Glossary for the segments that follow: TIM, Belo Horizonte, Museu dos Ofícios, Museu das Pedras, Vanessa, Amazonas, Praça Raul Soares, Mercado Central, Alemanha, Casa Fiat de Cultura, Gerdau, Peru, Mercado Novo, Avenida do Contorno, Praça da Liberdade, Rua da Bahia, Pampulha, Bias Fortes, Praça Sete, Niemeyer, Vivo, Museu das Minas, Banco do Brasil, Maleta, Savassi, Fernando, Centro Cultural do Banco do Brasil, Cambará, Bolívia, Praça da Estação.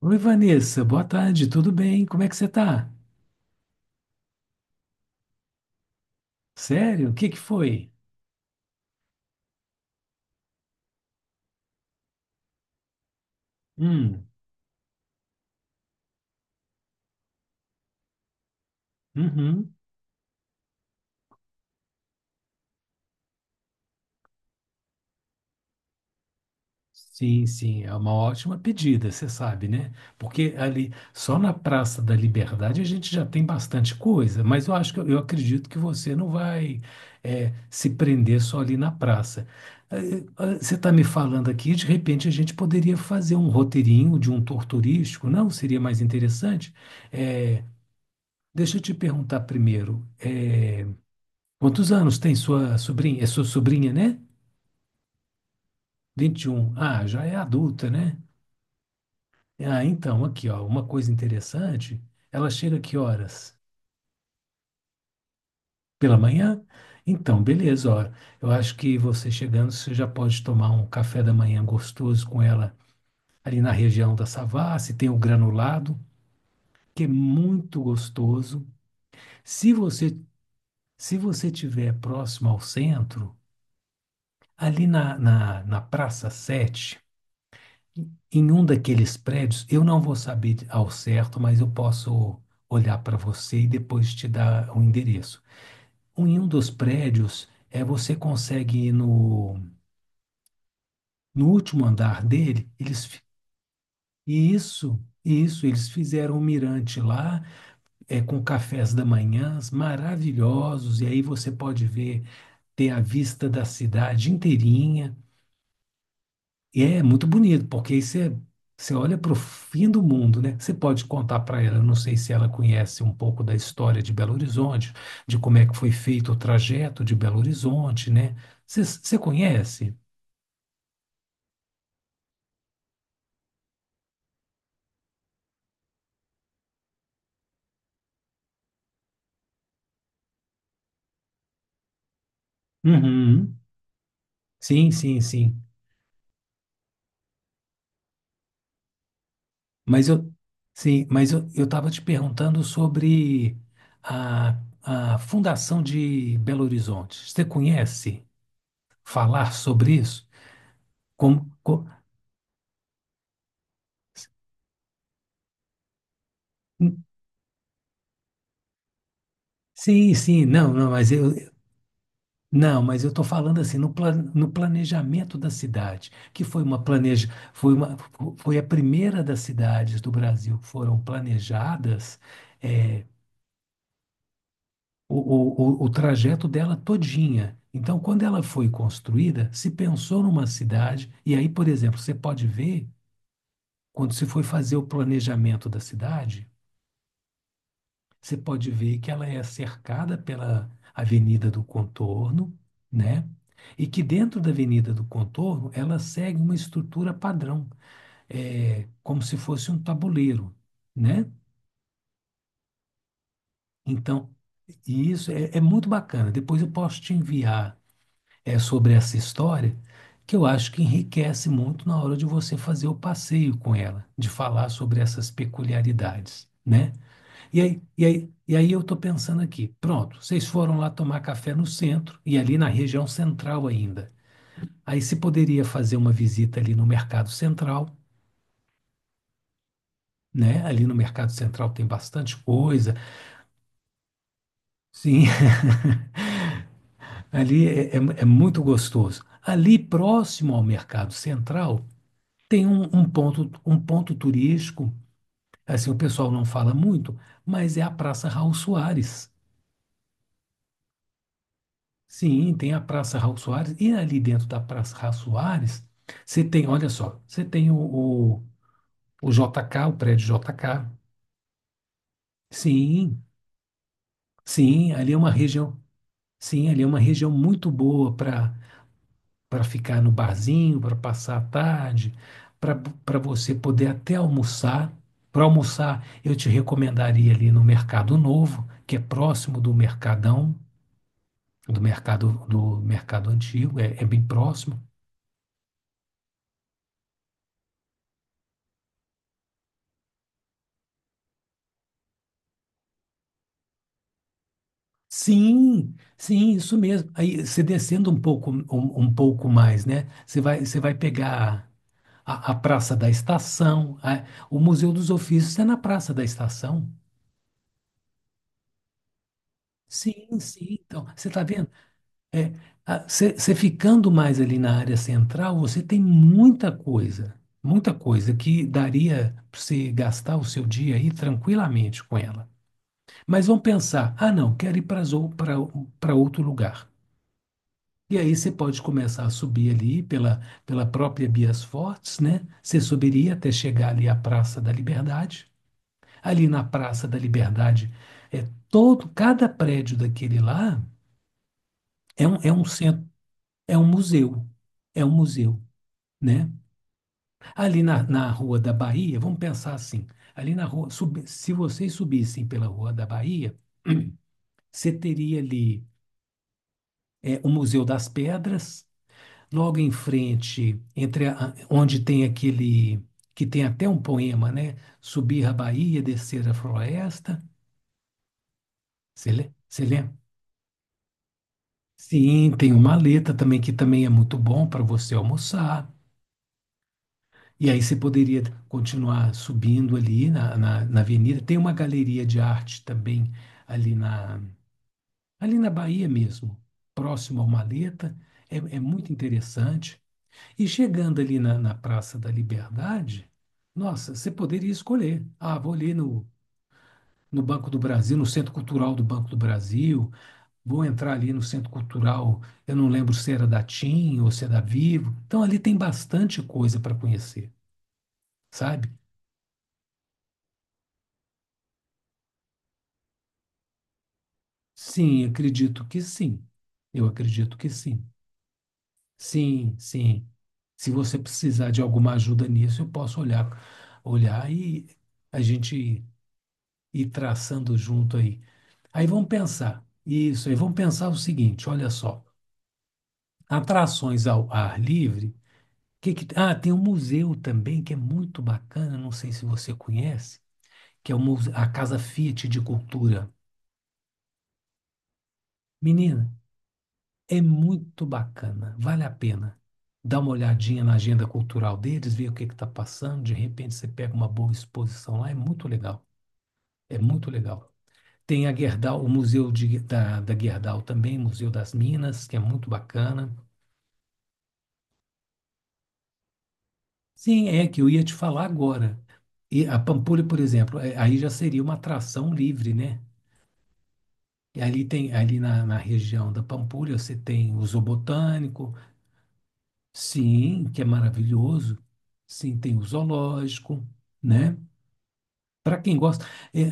Oi, Vanessa, boa tarde, tudo bem? Como é que você tá? Sério? O que que foi? Hum, uhum. Sim, sim, é uma ótima pedida, você sabe, né? Porque ali, só na Praça da Liberdade a gente já tem bastante coisa, mas eu acho que eu acredito que você não vai se prender só ali na praça. Você está me falando aqui, de repente a gente poderia fazer um roteirinho de um tour turístico, não? Seria mais interessante? Eh, Deixa eu te perguntar primeiro. Quantos anos tem sua sobrinha? É sua sobrinha, né? 21. Ah, já é adulta, né? Ah, então, aqui, ó, uma coisa interessante. Ela chega que horas? Pela manhã? Então, beleza, ó. Eu acho que você chegando, você já pode tomar um café da manhã gostoso com ela ali na região da Savassi, tem o granulado, que é muito gostoso. Se você se você tiver próximo ao centro, ali na Praça Sete. Em um daqueles prédios, eu não vou saber ao certo, mas eu posso olhar para você e depois te dar o endereço. Em um dos prédios, você consegue ir no último andar dele, e isso, e isso, eles fizeram um mirante lá, com cafés da manhã maravilhosos, e aí você pode ver, ter a vista da cidade inteirinha. E é muito bonito, porque aí você olha para o fim do mundo, né? Você pode contar para ela, eu não sei se ela conhece um pouco da história de Belo Horizonte, de como é que foi feito o trajeto de Belo Horizonte, né? Você conhece? Uhum. Sim, sim, sim. Mas eu, sim, mas eu estava te perguntando sobre a fundação de Belo Horizonte. Você conhece falar sobre isso? Como, co- Sim, sim, não, não, Não, mas eu estou falando assim, no planejamento da cidade, que foi uma planeja, foi uma, fo- foi a primeira das cidades do Brasil que foram planejadas. Eh, o, o, o o trajeto dela todinha. Então, quando ela foi construída, se pensou numa cidade, e aí, por exemplo, você pode ver, quando se foi fazer o planejamento da cidade, você pode ver que ela é cercada pela Avenida do Contorno, né? E que dentro da Avenida do Contorno ela segue uma estrutura padrão, como se fosse um tabuleiro, né? Então, e isso é muito bacana. Depois eu posso te enviar sobre essa história, que eu acho que enriquece muito na hora de você fazer o passeio com ela, de falar sobre essas peculiaridades, né? E aí, eu estou pensando aqui, pronto, vocês foram lá tomar café no centro e ali na região central ainda. Aí se poderia fazer uma visita ali no Mercado Central, né? Ali no Mercado Central tem bastante coisa. Sim, ali é muito gostoso. Ali próximo ao Mercado Central tem um ponto turístico, assim, o pessoal não fala muito, mas é a Praça Raul Soares. Sim, tem a Praça Raul Soares, e ali dentro da Praça Raul Soares, você tem, olha só, você tem o JK, o prédio JK. Sim, sim, ali é uma região, sim, ali é uma região muito boa para para ficar no barzinho, para passar a tarde, para para você poder até almoçar. Para almoçar, eu te recomendaria ali no Mercado Novo, que é próximo do Mercadão, do mercado antigo, é bem próximo. Sim, sim, isso mesmo. Aí você descendo um pouco, um pouco mais, né? Você vai pegar a Praça da Estação. O Museu dos Ofícios é na Praça da Estação. Sim, sim. Então, você está vendo? É, você ficando mais ali na área central, você tem muita coisa que daria para você gastar o seu dia aí tranquilamente com ela. Mas vamos pensar, ah, não, quero ir para outro lugar. E aí você pode começar a subir ali pela própria Bias Fortes, né? Você subiria até chegar ali à Praça da Liberdade. Ali na Praça da Liberdade, é todo, cada prédio daquele lá é um centro, é um museu, é um museu, né? Ali na Rua da Bahia, vamos pensar assim, ali na rua, se vocês subissem pela Rua da Bahia, você teria ali o Museu das Pedras, logo em frente, entre onde tem aquele que tem até um poema, né? Subir a Bahia, descer a floresta. Você lê? Você lembra? Sim, tem uma letra também que também é muito bom para você almoçar. E aí você poderia continuar subindo ali na avenida. Tem uma galeria de arte também ali na, ali na Bahia mesmo, próximo ao Maleta. É, é muito interessante. E chegando ali na Praça da Liberdade, nossa, você poderia escolher. Ah, vou ali no Banco do Brasil, no Centro Cultural do Banco do Brasil, vou entrar ali no Centro Cultural, eu não lembro se era da TIM ou se é da Vivo. Então ali tem bastante coisa para conhecer, sabe? Sim, acredito que sim. Eu acredito que sim. Sim, sim. Se você precisar de alguma ajuda nisso, eu posso olhar e a gente ir traçando junto aí. Aí vamos pensar, isso, aí vamos pensar o seguinte, olha só, atrações ao ar livre, ah, tem um museu também que é muito bacana, não sei se você conhece, que é o a Casa Fiat de Cultura. Menina, é muito bacana, vale a pena. Dá uma olhadinha na agenda cultural deles, ver o que está passando, de repente você pega uma boa exposição lá, é muito legal, é muito legal. Tem a Gerdau, o Museu da Gerdau também, Museu das Minas, que é muito bacana. Sim, é que eu ia te falar agora. E a Pampulha, por exemplo, aí já seria uma atração livre, né? E ali tem, ali na região da Pampulha, você tem o zoobotânico, sim, que é maravilhoso. Sim, tem o zoológico, né? Para quem gosta,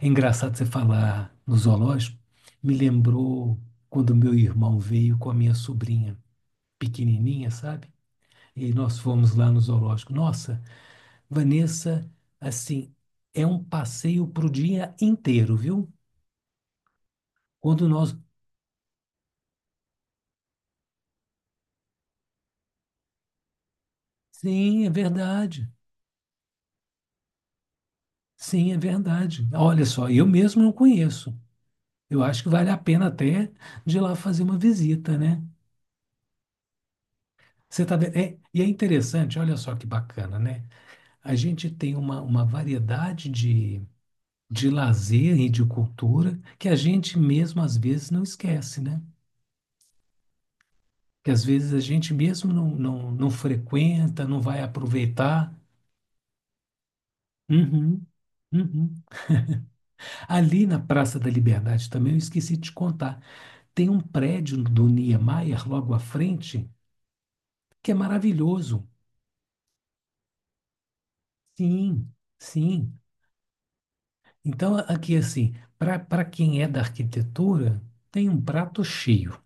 é engraçado você falar no zoológico. Me lembrou quando meu irmão veio com a minha sobrinha pequenininha, sabe? E nós fomos lá no zoológico. Nossa, Vanessa, assim, é um passeio para o dia inteiro, viu? Quando nós. Sim, é verdade. Sim, é verdade. Olha só, eu mesmo não conheço. Eu acho que vale a pena até de ir lá fazer uma visita, né? Você tá vendo? É, e é interessante, olha só que bacana, né? A gente tem uma variedade de lazer e de cultura que a gente mesmo às vezes não esquece, né? Que às vezes a gente mesmo não frequenta, não vai aproveitar. Uhum, uhum. Ali na Praça da Liberdade também, eu esqueci de te contar, tem um prédio do Niemeyer logo à frente que é maravilhoso. Sim, sim. Então, aqui assim, para quem é da arquitetura, tem um prato cheio.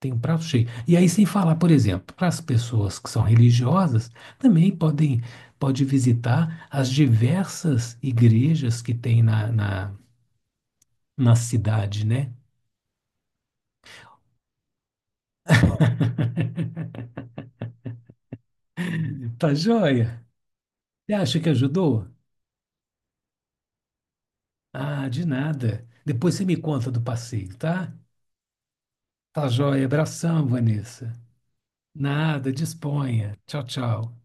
Tem um prato cheio. E aí, sem falar, por exemplo, para as pessoas que são religiosas, também pode visitar as diversas igrejas que tem na cidade, né? Tá joia? Você acha que ajudou? Ah, de nada. Depois você me conta do passeio, tá? Tá joia. Abração, Vanessa. Nada, disponha. Tchau, tchau.